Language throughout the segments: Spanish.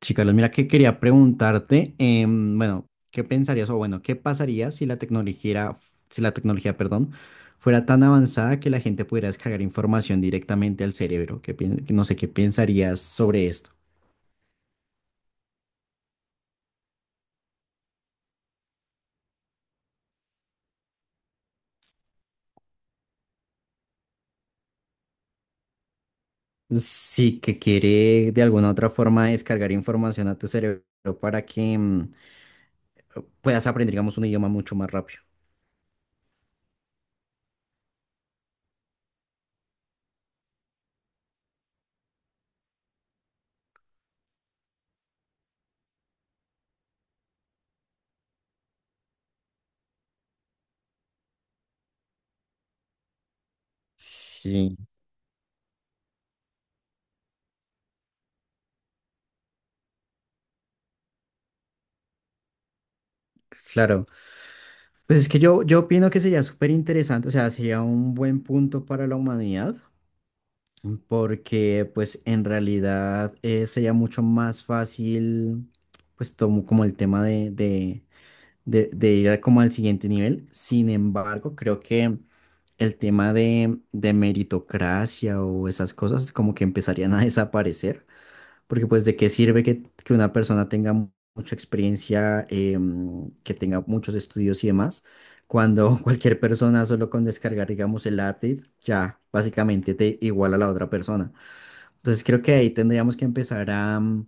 Sí, Carlos, mira que quería preguntarte, bueno, ¿qué pensarías o bueno, qué pasaría si la tecnología, si la tecnología, perdón, fuera tan avanzada que la gente pudiera descargar información directamente al cerebro? No sé, ¿qué pensarías sobre esto? Sí, que quiere de alguna otra forma descargar información a tu cerebro para que puedas aprender, digamos, un idioma mucho más rápido. Sí, claro. Pues es que yo opino que sería súper interesante, o sea, sería un buen punto para la humanidad, porque pues en realidad sería mucho más fácil pues tomo como el tema de ir a como al siguiente nivel. Sin embargo, creo que el tema de meritocracia o esas cosas como que empezarían a desaparecer, porque pues de qué sirve que una persona tenga mucha experiencia, que tenga muchos estudios y demás. Cuando cualquier persona solo con descargar, digamos, el update, ya básicamente te iguala a la otra persona. Entonces creo que ahí tendríamos que empezar a,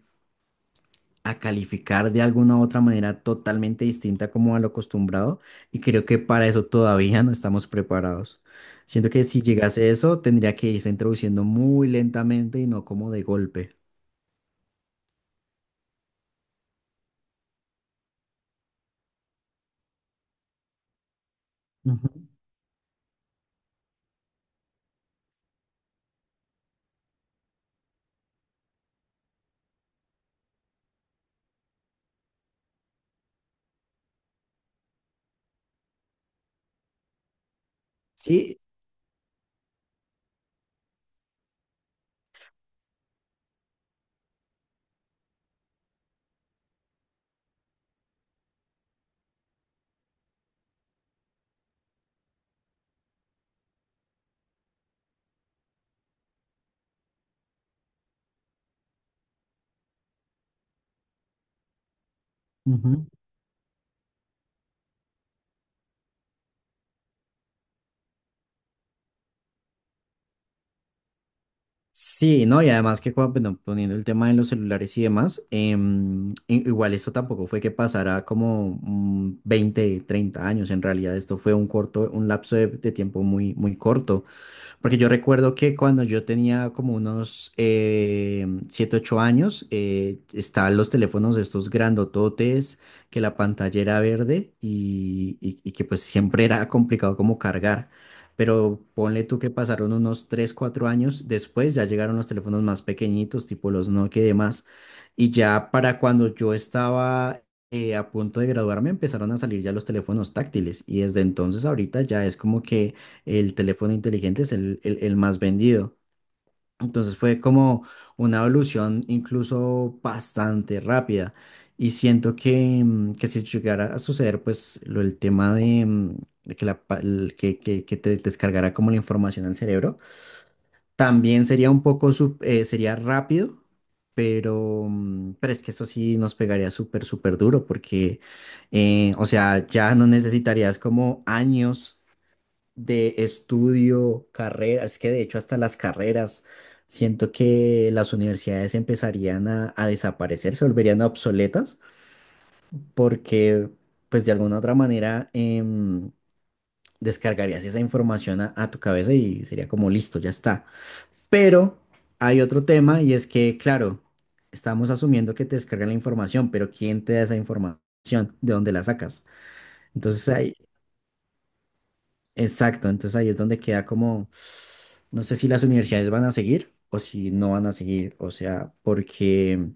a calificar de alguna u otra manera totalmente distinta como a lo acostumbrado, y creo que para eso todavía no estamos preparados. Siento que si llegase eso tendría que irse introduciendo muy lentamente y no como de golpe. Ujú. Sí, ujú. Sí, no, y además que bueno, poniendo el tema de los celulares y demás, igual esto tampoco fue que pasara como 20, 30 años, en realidad esto fue un corto, un lapso de tiempo muy, muy corto. Porque yo recuerdo que cuando yo tenía como unos 7, 8 años, estaban los teléfonos estos grandototes, que la pantalla era verde y que pues siempre era complicado como cargar. Pero ponle tú que pasaron unos 3 4 años después, ya llegaron los teléfonos más pequeñitos, tipo los Nokia y demás. Y ya para cuando yo estaba a punto de graduarme, empezaron a salir ya los teléfonos táctiles. Y desde entonces ahorita ya es como que el teléfono inteligente es el más vendido. Entonces fue como una evolución incluso bastante rápida. Y siento que, que si llegara a suceder, pues el tema de, de que, la, pa- el que te descargara como la información al cerebro, también sería un poco, sería rápido, pero, pero es que eso sí nos pegaría súper, súper duro porque, o sea, ya no necesitarías como años de estudio, carrera, es que de hecho hasta las carreras, siento que las universidades empezarían a desaparecer, se volverían obsoletas, porque pues de alguna otra manera descargarías esa información a tu cabeza y sería como listo, ya está. Pero hay otro tema y es que, claro, estamos asumiendo que te descargan la información, pero ¿quién te da esa información? ¿De dónde la sacas? Entonces ahí- Exacto, entonces ahí es donde queda como, no sé si las universidades van a seguir o si no van a seguir, o sea, porque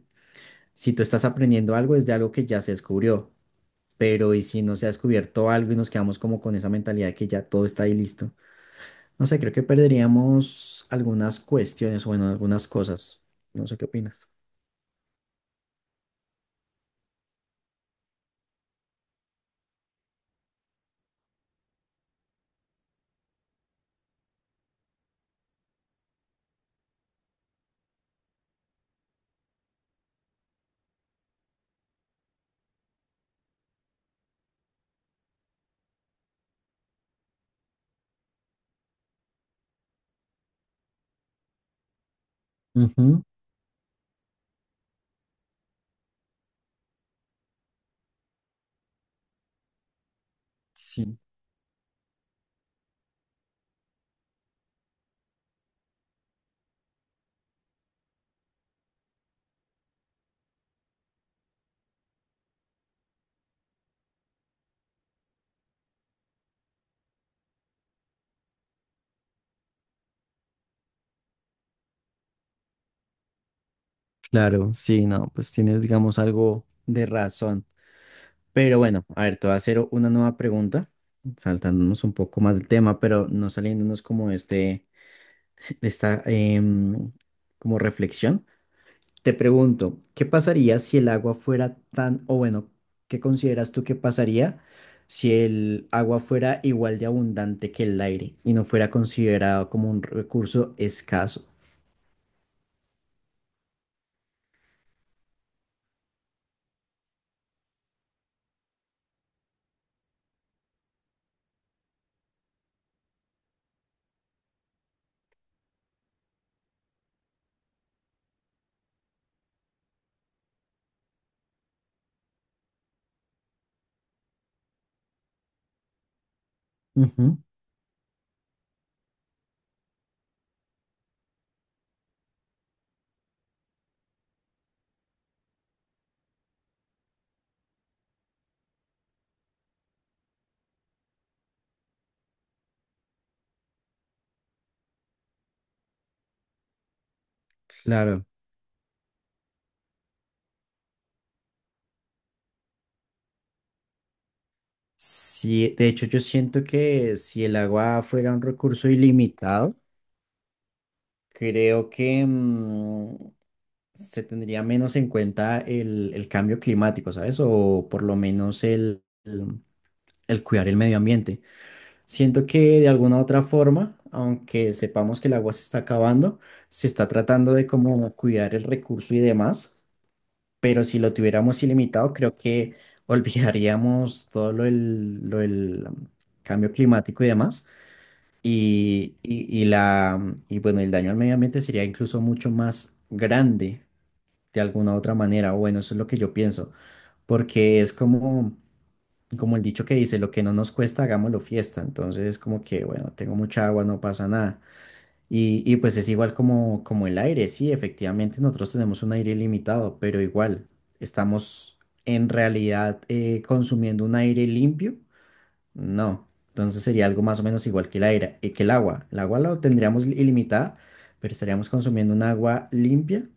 si tú estás aprendiendo algo es de algo que ya se descubrió, pero y si no se ha descubierto algo y nos quedamos como con esa mentalidad de que ya todo está ahí listo, no sé, creo que perderíamos algunas cuestiones, o bueno, algunas cosas, no sé qué opinas. Ujú. Sí, claro, sí, no, pues tienes, digamos, algo de razón. Pero bueno, a ver, te voy a hacer una nueva pregunta, saltándonos un poco más del tema, pero no saliéndonos como de este, de esta como reflexión. Te pregunto, ¿qué pasaría si el agua fuera tan, o bueno, qué consideras tú que pasaría si el agua fuera igual de abundante que el aire y no fuera considerado como un recurso escaso? Ujú, claro. Sí, de hecho yo siento que si el agua fuera un recurso ilimitado, creo que se tendría menos en cuenta el cambio climático, ¿sabes? O por lo menos el cuidar el medio ambiente. Siento que de alguna u otra forma, aunque sepamos que el agua se está acabando, se está tratando de como cuidar el recurso y demás, pero si lo tuviéramos ilimitado, creo que olvidaríamos todo lo del cambio climático y demás y y bueno, el daño al medio ambiente sería incluso mucho más grande de alguna otra manera. O bueno, eso es lo que yo pienso, porque es como, como el dicho que dice, lo que no nos cuesta, hagámoslo fiesta. Entonces, como que, bueno, tengo mucha agua, no pasa nada. Y pues es igual como, como el aire, sí, efectivamente nosotros tenemos un aire ilimitado, pero igual estamos en realidad consumiendo un aire limpio, no, entonces sería algo más o menos igual que el aire, que el agua. El agua la tendríamos ilimitada, pero estaríamos consumiendo un agua limpia,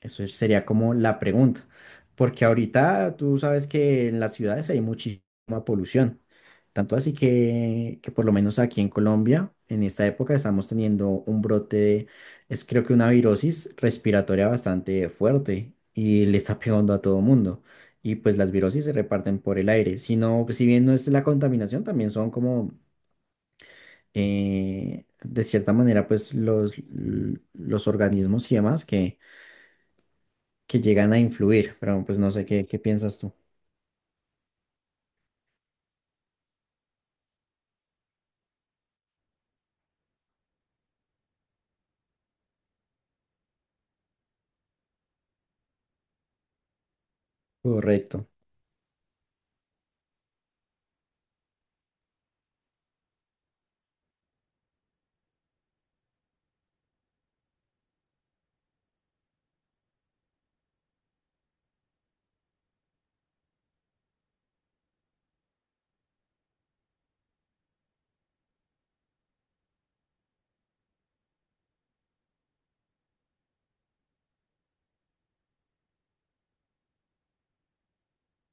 sería como la pregunta, porque ahorita tú sabes que en las ciudades hay muchísima polución, tanto así que por lo menos aquí en Colombia, en esta época estamos teniendo un brote es creo que una virosis respiratoria bastante fuerte y le está pegando a todo mundo. Y pues las virosis se reparten por el aire, si no, si bien no es la contaminación, también son como, de cierta manera, pues los organismos y demás que llegan a influir, pero pues no sé qué, qué piensas tú. Correcto,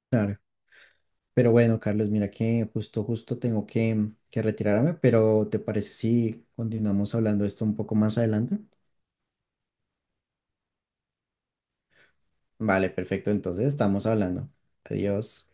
claro. Pero bueno, Carlos, mira que justo, justo tengo que retirarme, pero ¿te parece si continuamos hablando de esto un poco más adelante? Vale, perfecto, entonces estamos hablando. Adiós.